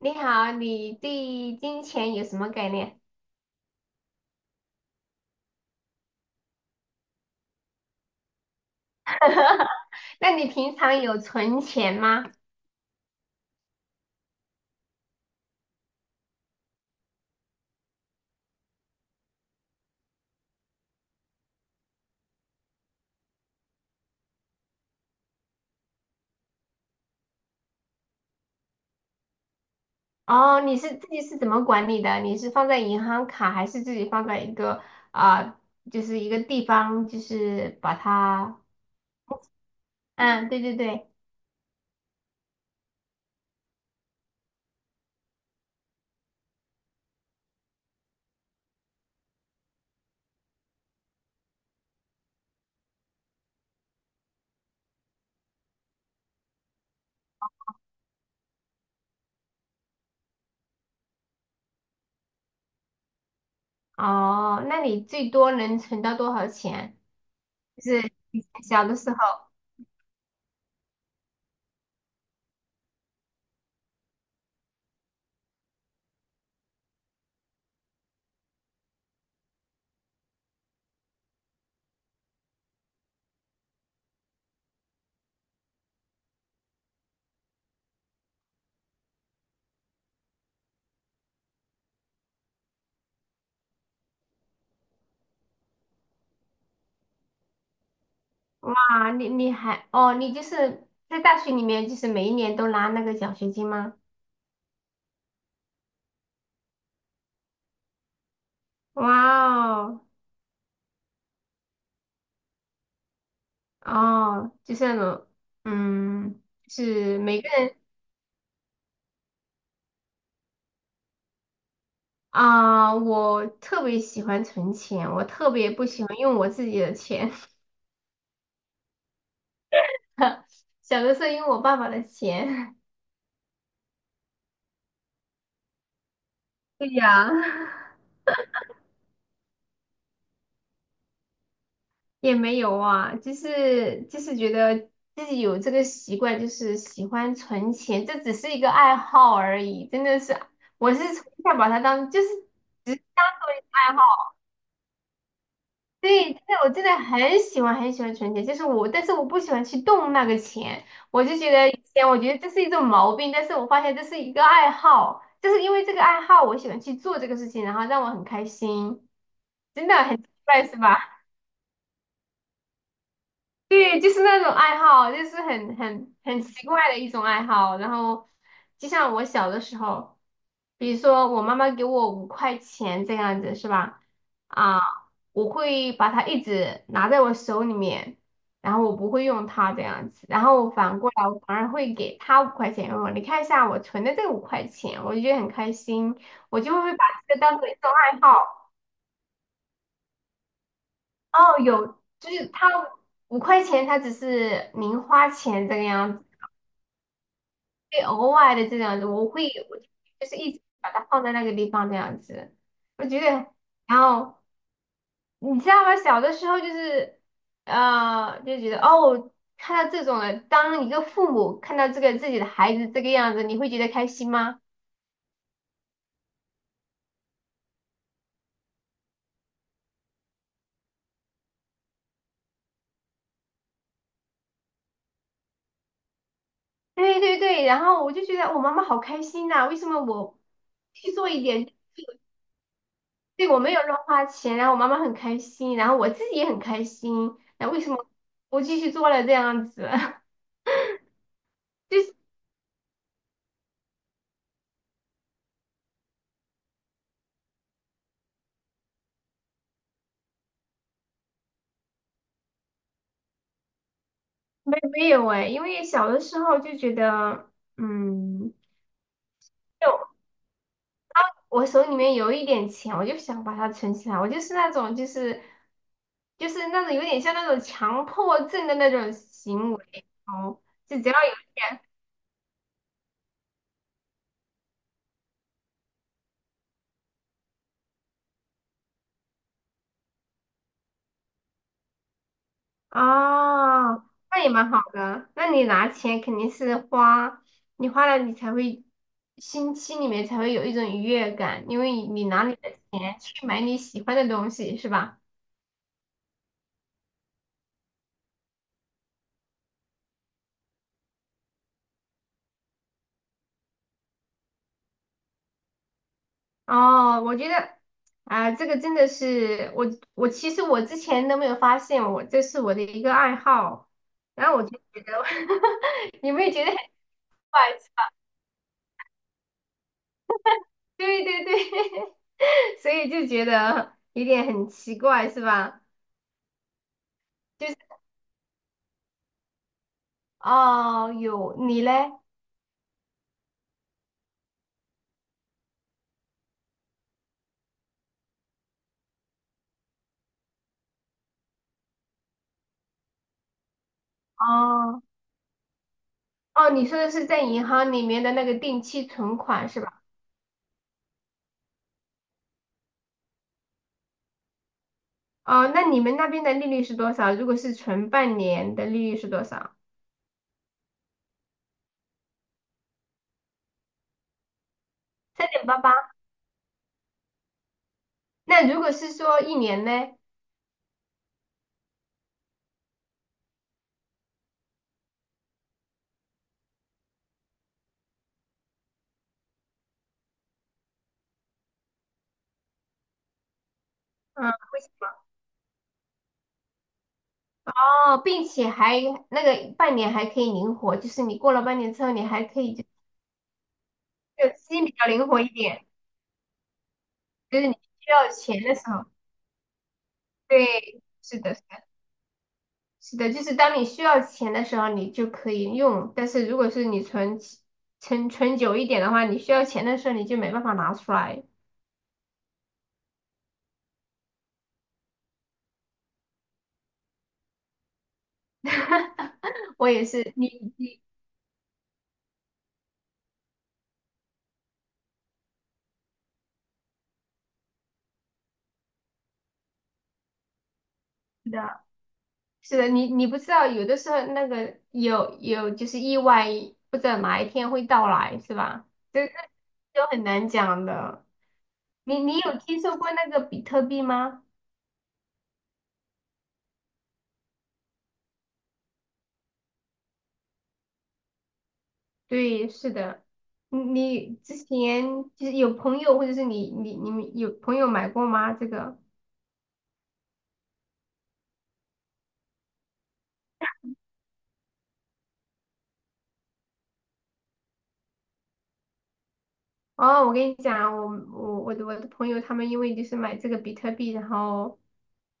你好，你对金钱有什么概念？那你平常有存钱吗？哦，你是自己是怎么管理的？你是放在银行卡，还是自己放在一个啊、就是一个地方，就是把它……嗯，对对对。哦，那你最多能存到多少钱？就是以前小的时候。啊，你还哦，你就是在大学里面，就是每一年都拿那个奖学金吗？哇，哦！哦，就是那种。嗯，是每个人。我特别喜欢存钱，我特别不喜欢用我自己的钱。小的时候用我爸爸的钱。对呀。也没有啊，就是觉得自己有这个习惯，就是喜欢存钱，这只是一个爱好而已，真的是，我是从小把它当就是只是当做一个爱好。对，但是我真的很喜欢很喜欢存钱，就是我，但是我不喜欢去动那个钱，我就觉得以前我觉得这是一种毛病，但是我发现这是一个爱好，就是因为这个爱好，我喜欢去做这个事情，然后让我很开心，真的很奇怪是吧？对，就是那种爱好，就是很奇怪的一种爱好。然后，就像我小的时候，比如说我妈妈给我五块钱这样子，是吧？啊，我会把它一直拿在我手里面，然后我不会用它这样子。然后反过来，我反而会给他五块钱。哦，你看一下我存的这五块钱，我就觉得很开心，我就会把这个当做一种爱好。哦，有，就是他五块钱，他只是零花钱这个样子。会偶尔的这样子，我就是一直把它放在那个地方这样子。我觉得，然后你知道吗？小的时候就是，就觉得哦，看到这种的，当一个父母看到这个自己的孩子这个样子，你会觉得开心吗？对对对，然后我就觉得我妈妈好开心呐、为什么我去做一点，对我没有乱花钱，然后我妈妈很开心，然后我自己也很开心，那为什么我继续做了这样子？就是。没有哎，因为小的时候就觉得，嗯，就我手里面有一点钱，我就想把它存起来。我就是那种，就是那种有点像那种强迫症的那种行为哦，就只要有钱。啊，哦，那也蛮好的。那你拿钱肯定是花，你花了你才会心里面才会有一种愉悦感，因为你拿你的钱去买你喜欢的东西，是吧？哦，我觉得。这个真的是我，我其实我之前都没有发现我，这是我的一个爱好，然后我就觉得 你没有觉得很怪？对对对，所以就觉得有点很奇怪，是吧？就是哦，有你嘞？哦，哦，你说的是在银行里面的那个定期存款是吧？哦，那你们那边的利率是多少？如果是存半年的利率是多少？3.88。那如果是说一年呢？嗯，不行哦，并且还那个半年还可以灵活，就是你过了半年之后，你还可以就就心比较灵活一点，就是你需要钱的时候，对，是的，是的，是的，就是当你需要钱的时候，你就可以用，但是如果是你存存久一点的话，你需要钱的时候你就没办法拿出来。我也是，你是的，是的，你不知道，有的时候那个有就是意外，不知道哪一天会到来，是吧？这就很难讲的。你有听说过那个比特币吗？对，是的。你之前就是有朋友或者是你们有朋友买过吗？这个？哦，我跟你讲，我的朋友他们因为就是买这个比特币，然后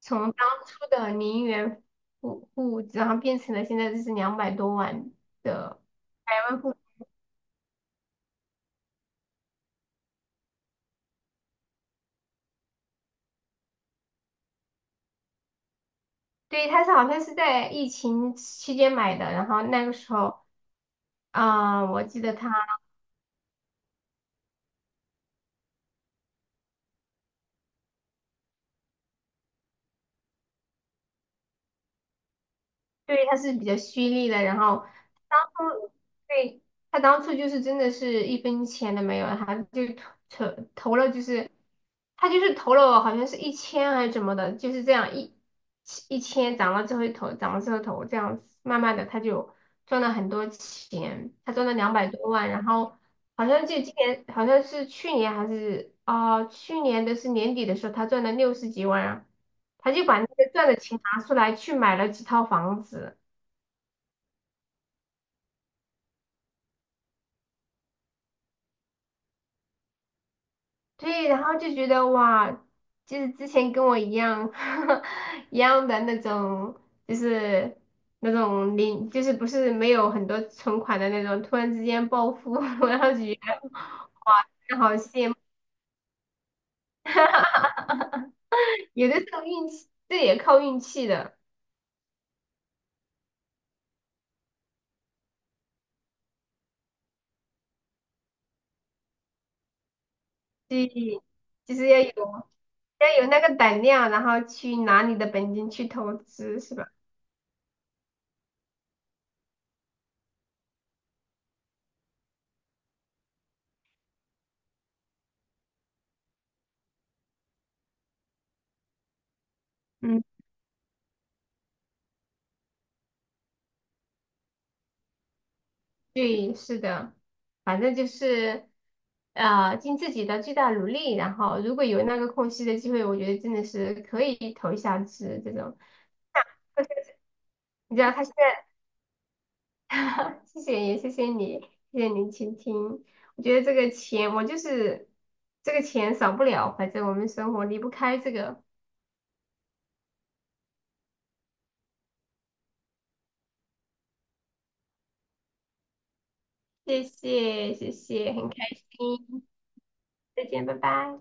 从当初的0元户，然后变成了现在就是两百多万的百万富。对，他是好像是在疫情期间买的，然后那个时候。我记得他。对，他是比较蓄利的，然后当初对他当初就是真的是一分钱都没有，他就投了，就是他就是投了好像是一千还是怎么的，就是这样一千涨了之后投，涨了之后投，这样子慢慢的他就赚了很多钱，他赚了两百多万，然后好像就今年好像是去年还是去年的是年底的时候，他赚了60几万啊，他就把那个赚的钱拿出来去买了几套房子。对，然后就觉得哇，就是之前跟我一样 一样的那种，就是那种零，就是不是没有很多存款的那种，突然之间暴富，然后就觉得哇，真的好羡慕。有的时候运气，这也靠运气的，所以就是要有要有那个胆量，然后去拿你的本金去投资，是吧？嗯。对，是的，反正就是，尽自己的最大努力，然后如果有那个空隙的机会，我觉得真的是可以投一下资这种。但是你知道他现在，谢谢也谢谢你，谢谢您倾听。我觉得这个钱，我就是这个钱少不了，反正我们生活离不开这个。谢谢，谢谢，很开心，再见，拜拜。